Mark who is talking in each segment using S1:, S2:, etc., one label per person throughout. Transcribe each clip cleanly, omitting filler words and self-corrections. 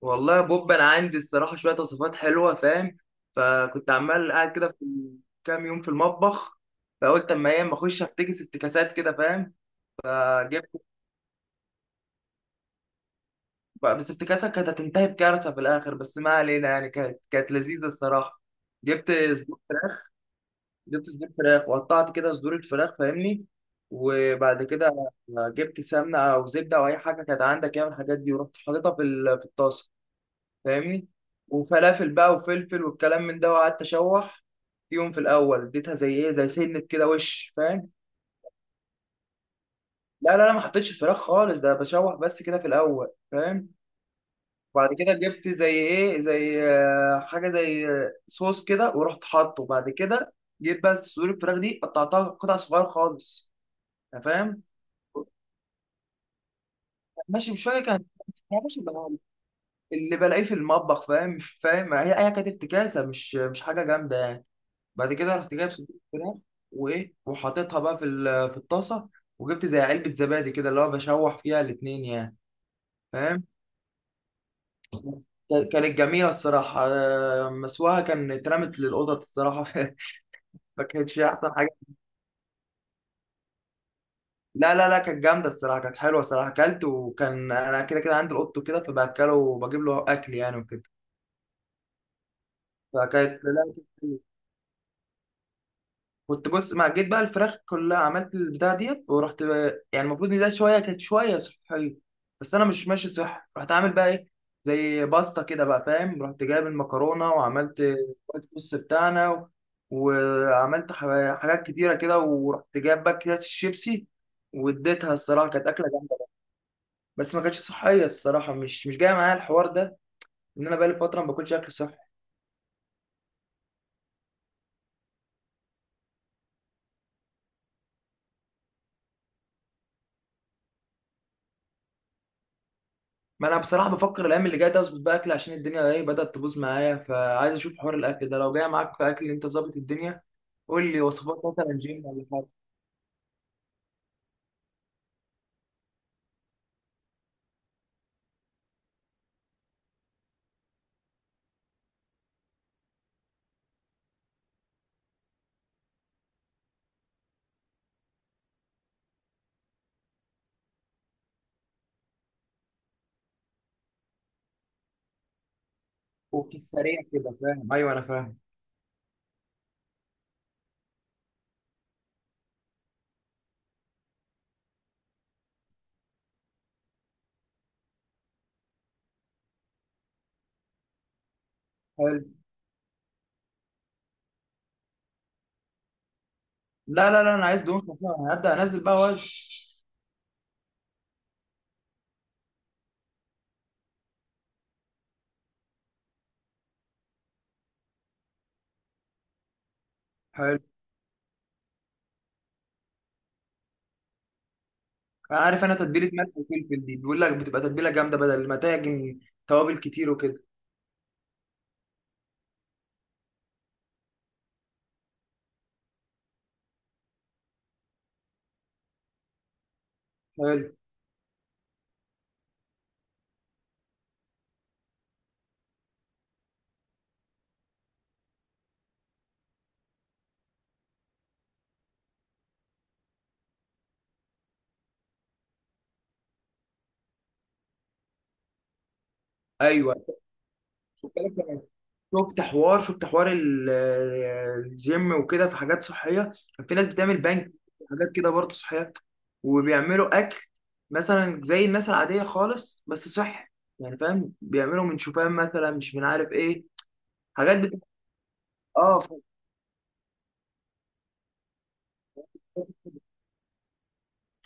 S1: والله يا بوب، انا عندي الصراحه شويه وصفات حلوه، فاهم؟ فكنت عمال قاعد كده في كام يوم في المطبخ، فقلت اما ايه اما اخش افتكاسات كده، فاهم؟ فجبت، بس افتكاسه كانت هتنتهي بكارثه في الاخر، بس ما علينا، يعني كانت لذيذه الصراحه. جبت صدور فراخ جبت صدور فراخ وقطعت كده صدور الفراخ، فاهمني؟ وبعد كده جبت سمنه او زبده او اي حاجه كانت عندك، يعني من الحاجات دي، ورحت حاططها في الطاسه، فاهمني؟ وفلافل بقى وفلفل والكلام من ده، وقعدت اشوح فيهم في الاول، اديتها زي ايه زي سنه كده وش، فاهم؟ لا لا لا، ما حطيتش الفراخ خالص، ده بشوح بس كده في الاول، فاهم؟ وبعد كده جبت زي ايه زي حاجه زي صوص كده، ورحت حاطه. بعد كده جيت بس صدور الفراخ دي قطعتها قطع صغيره خالص، أنت فاهم؟ ماشي، مش فاكر كانت. يا باشا، ده اللي بلاقيه في المطبخ، فاهم؟ فاهم؟ هي كانت افتكاسه، مش حاجه جامده يعني. بعد كده رحت جايب صدور فراخ، وايه، وحاططها بقى في الطاسه، وجبت زي علبه زبادي كده، اللي هو بشوح فيها الاتنين يعني، فاهم؟ كانت جميله الصراحه. مسواها كان اترمت للقطط الصراحه. ما كانتش احسن حاجه. لا لا لا، كانت جامده الصراحه، كانت حلوه الصراحه، اكلت، وكان انا كده كده عندي القط كده فباكله وبجيب له اكل يعني وكده. فكانت لا. كنت بص، ما جيت بقى الفراخ كلها، عملت البتاع ديت، ورحت بقى يعني المفروض ان ده شويه كانت شويه صحيه، بس انا مش ماشي صح، رحت عامل بقى ايه، زي باستا كده بقى، فاهم؟ رحت جايب المكرونه وعملت الوايت صوص بتاعنا وعملت حاجات كتيره كده، ورحت جايب بقى اكياس الشيبسي، واديتها. الصراحه كانت اكله جامده، بس ما كانتش صحيه الصراحه، مش جايه معايا الحوار ده، ان انا بقالي فتره ما باكلش اكل صحي. ما انا بصراحه بفكر الايام اللي جايه دي اظبط بقى اكل، عشان الدنيا ايه بدات تبوظ معايا، فعايز اشوف حوار الاكل ده لو جاي معاك في اكل انت ظابط الدنيا. قول لي وصفات مثلا جيم ولا حاجه. وفي السريع كده، فاهم؟ ايوه انا فاهم. حلو. لا لا لا، انا عايز دهون خفيفه، انا هبدا انزل بقى وزن. حلو. انا عارف، انا تتبيله ملح وفلفل دي بيقول لك بتبقى تتبيله جامده بدل ما تعجن توابل كتير وكده. حلو. ايوه، شفت حوار، شفت حوار الجيم وكده في حاجات صحية. كان في ناس بتعمل بنك حاجات كده برضه صحية، وبيعملوا أكل، مثلا زي الناس العادية خالص بس صحي، يعني فاهم؟ بيعملوا من شوفان مثلا، مش من عارف إيه حاجات آه ف-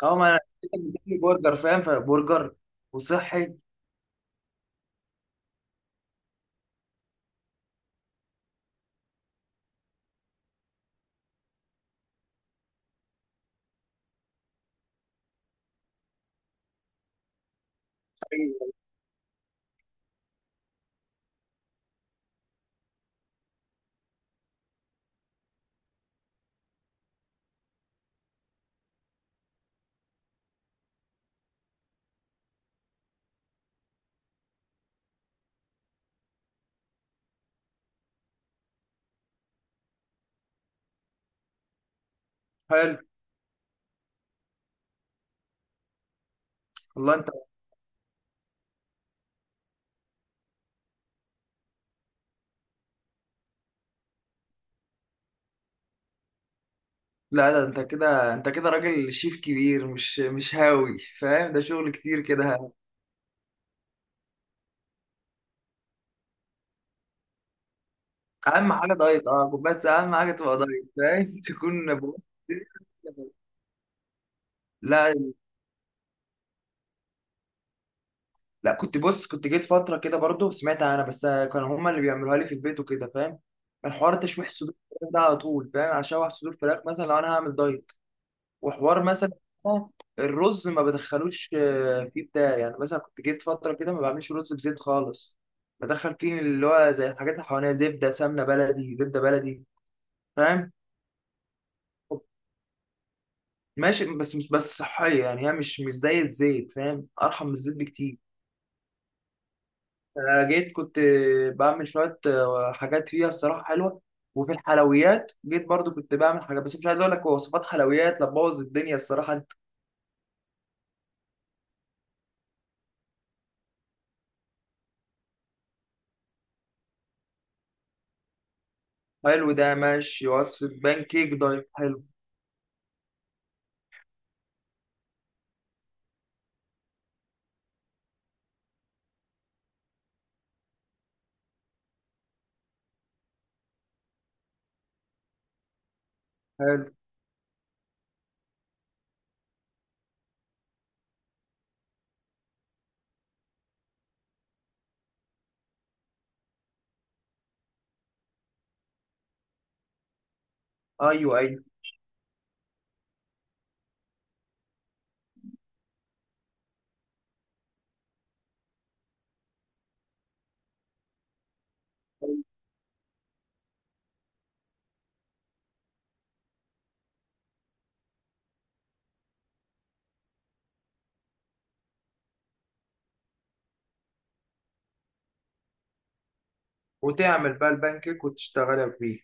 S1: آه، ما أنا بتاكل برجر، فاهم؟ فبرجر وصحي. حلو. والله انت. لا، ده انت كده، انت كده راجل شيف كبير، مش هاوي، فاهم؟ ده شغل كتير كده. اهم حاجه دايت. اه، بس اهم حاجه تبقى دايت، فاهم؟ تكون بص. لا لا، كنت بص، كنت جيت فتره كده برضو، سمعت انا بس كانوا هما اللي بيعملوها لي في البيت وكده، فاهم؟ الحوار تشويح صدور الفراخ ده على طول، فاهم؟ اشوح صدور فراخ مثلا لو انا هعمل دايت، وحوار مثلا الرز ما بدخلوش فيه بتاع، يعني مثلا كنت جيت فتره كده ما بعملش رز بزيت خالص، بدخل فيه اللي هو زي الحاجات اللي حواليا، زبده، سمنه بلدي، زبده بلدي، فاهم؟ ماشي، بس مش بس صحية، يعني هي مش زي الزيت، فاهم؟ أرحم من الزيت بكتير. جيت كنت بعمل شوية حاجات فيها الصراحة حلوة. وفي الحلويات جيت برضو كنت بعمل حاجة، بس مش عايز أقول لك وصفات حلويات لبوظ الدنيا الصراحة أنت. حلو، ده ماشي وصفة بان كيك دايت، حلو. حلو. أيوه أيوه. وتعمل بقى البان كيك وتشتغلها فيه.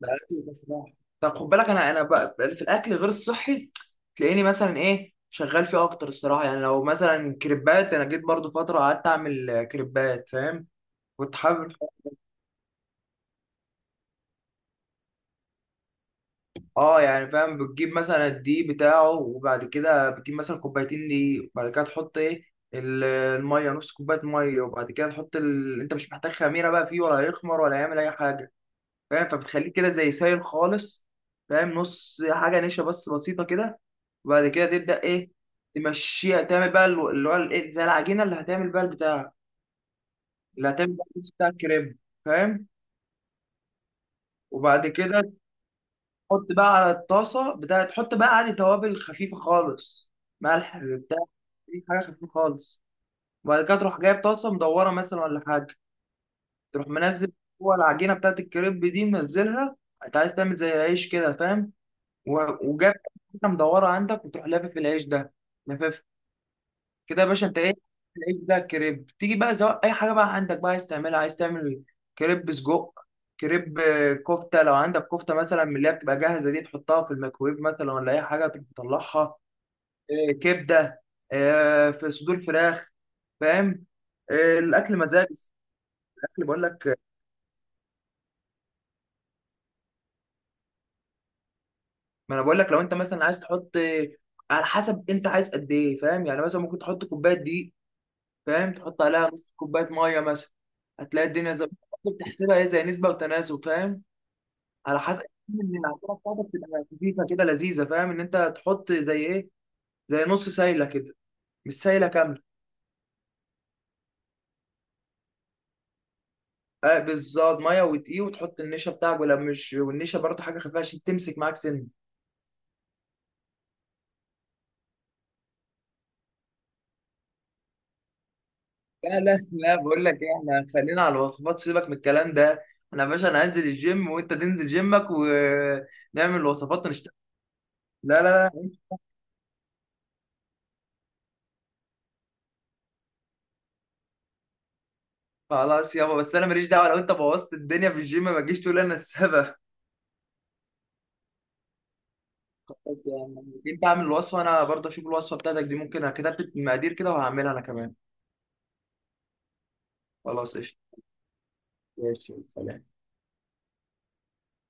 S1: ده اكل بصراحه. طب خد بالك، انا بقى في الاكل غير الصحي، تلاقيني مثلا ايه شغال فيه اكتر الصراحه. يعني لو مثلا كريبات، انا جيت برضو فتره قعدت اعمل كريبات، فاهم؟ كنت حابب. اه، يعني فاهم، بتجيب مثلا الدقيق بتاعه، وبعد كده بتجيب مثلا كوبايتين دقيق، وبعد كده تحط ايه الميه، نص كوبايه ميه، وبعد كده تحط انت مش محتاج خميره بقى فيه، ولا هيخمر ولا يعمل اي حاجه، فاهم؟ فبتخليه كده زي سايل خالص، فاهم؟ نص حاجه نشا بس بسيطه كده. وبعد كده تبدا ايه، تمشيها، تعمل بقى اللي هو الايه، زي العجينه اللي هتعمل بقى البتاع، اللي هتعمل بقى الصوص بتاع الكريم، فاهم؟ وبعد كده تحط بقى على الطاسه بتاع، تحط بقى عادي توابل خفيفه خالص، ملح بتاع، أي حاجه خفيفه خالص. وبعد كده تروح جايب طاسه مدوره مثلا ولا حاجه، تروح منزل جوه العجينه بتاعت الكريب دي، منزلها. انت عايز تعمل زي العيش كده، فاهم؟ وجاب حته مدوره عندك، وتروح لافف العيش ده، لافف كده يا باشا انت ايه. العيش ده كريب، تيجي بقى سواء اي حاجه بقى عندك بقى عايز تعملها، عايز تعمل كريب سجق، كريب كفته، لو عندك كفته مثلا من اللي هي بتبقى جاهزه دي، تحطها في الميكرويف مثلا ولا اي حاجه، تطلعها. كبده، في صدور فراخ، فاهم؟ الاكل مزاج. الاكل بقول لك، ما انا بقول لك لو انت مثلا عايز تحط على حسب انت عايز قد ايه، فاهم؟ يعني مثلا ممكن تحط كوبايه دقيق، فاهم؟ تحط عليها نص كوبايه ميه مثلا، هتلاقي الدنيا زي، بتحسبها ايه، زي نسبه وتناسب، فاهم؟ على حسب ان العجينه بتاعتك تبقى خفيفه كده لذيذه، فاهم؟ ان انت تحط زي ايه، زي نص سايله كده، مش سايله كامله. اه بالظبط، ميه ودقيق، وتحط النشا بتاعك ولا مش، والنشا برضه حاجه خفيفه عشان تمسك معاك سن. لا لا لا، بقول لك ايه، احنا خلينا على الوصفات، سيبك من الكلام ده. انا يا باشا، انا هنزل الجيم، وانت تنزل جيمك، ونعمل الوصفات ونشتغل. لا لا لا. خلاص يابا، بس انا ماليش دعوه، لو انت بوظت الدنيا في الجيم ما تجيش تقول انا السبب. خلاص يا عم. انت اعمل الوصفه، انا برضه اشوف الوصفه بتاعتك دي، ممكن كتبت مقادير كده وهعملها انا كمان. خلاص قشطه. ماشي، سلام.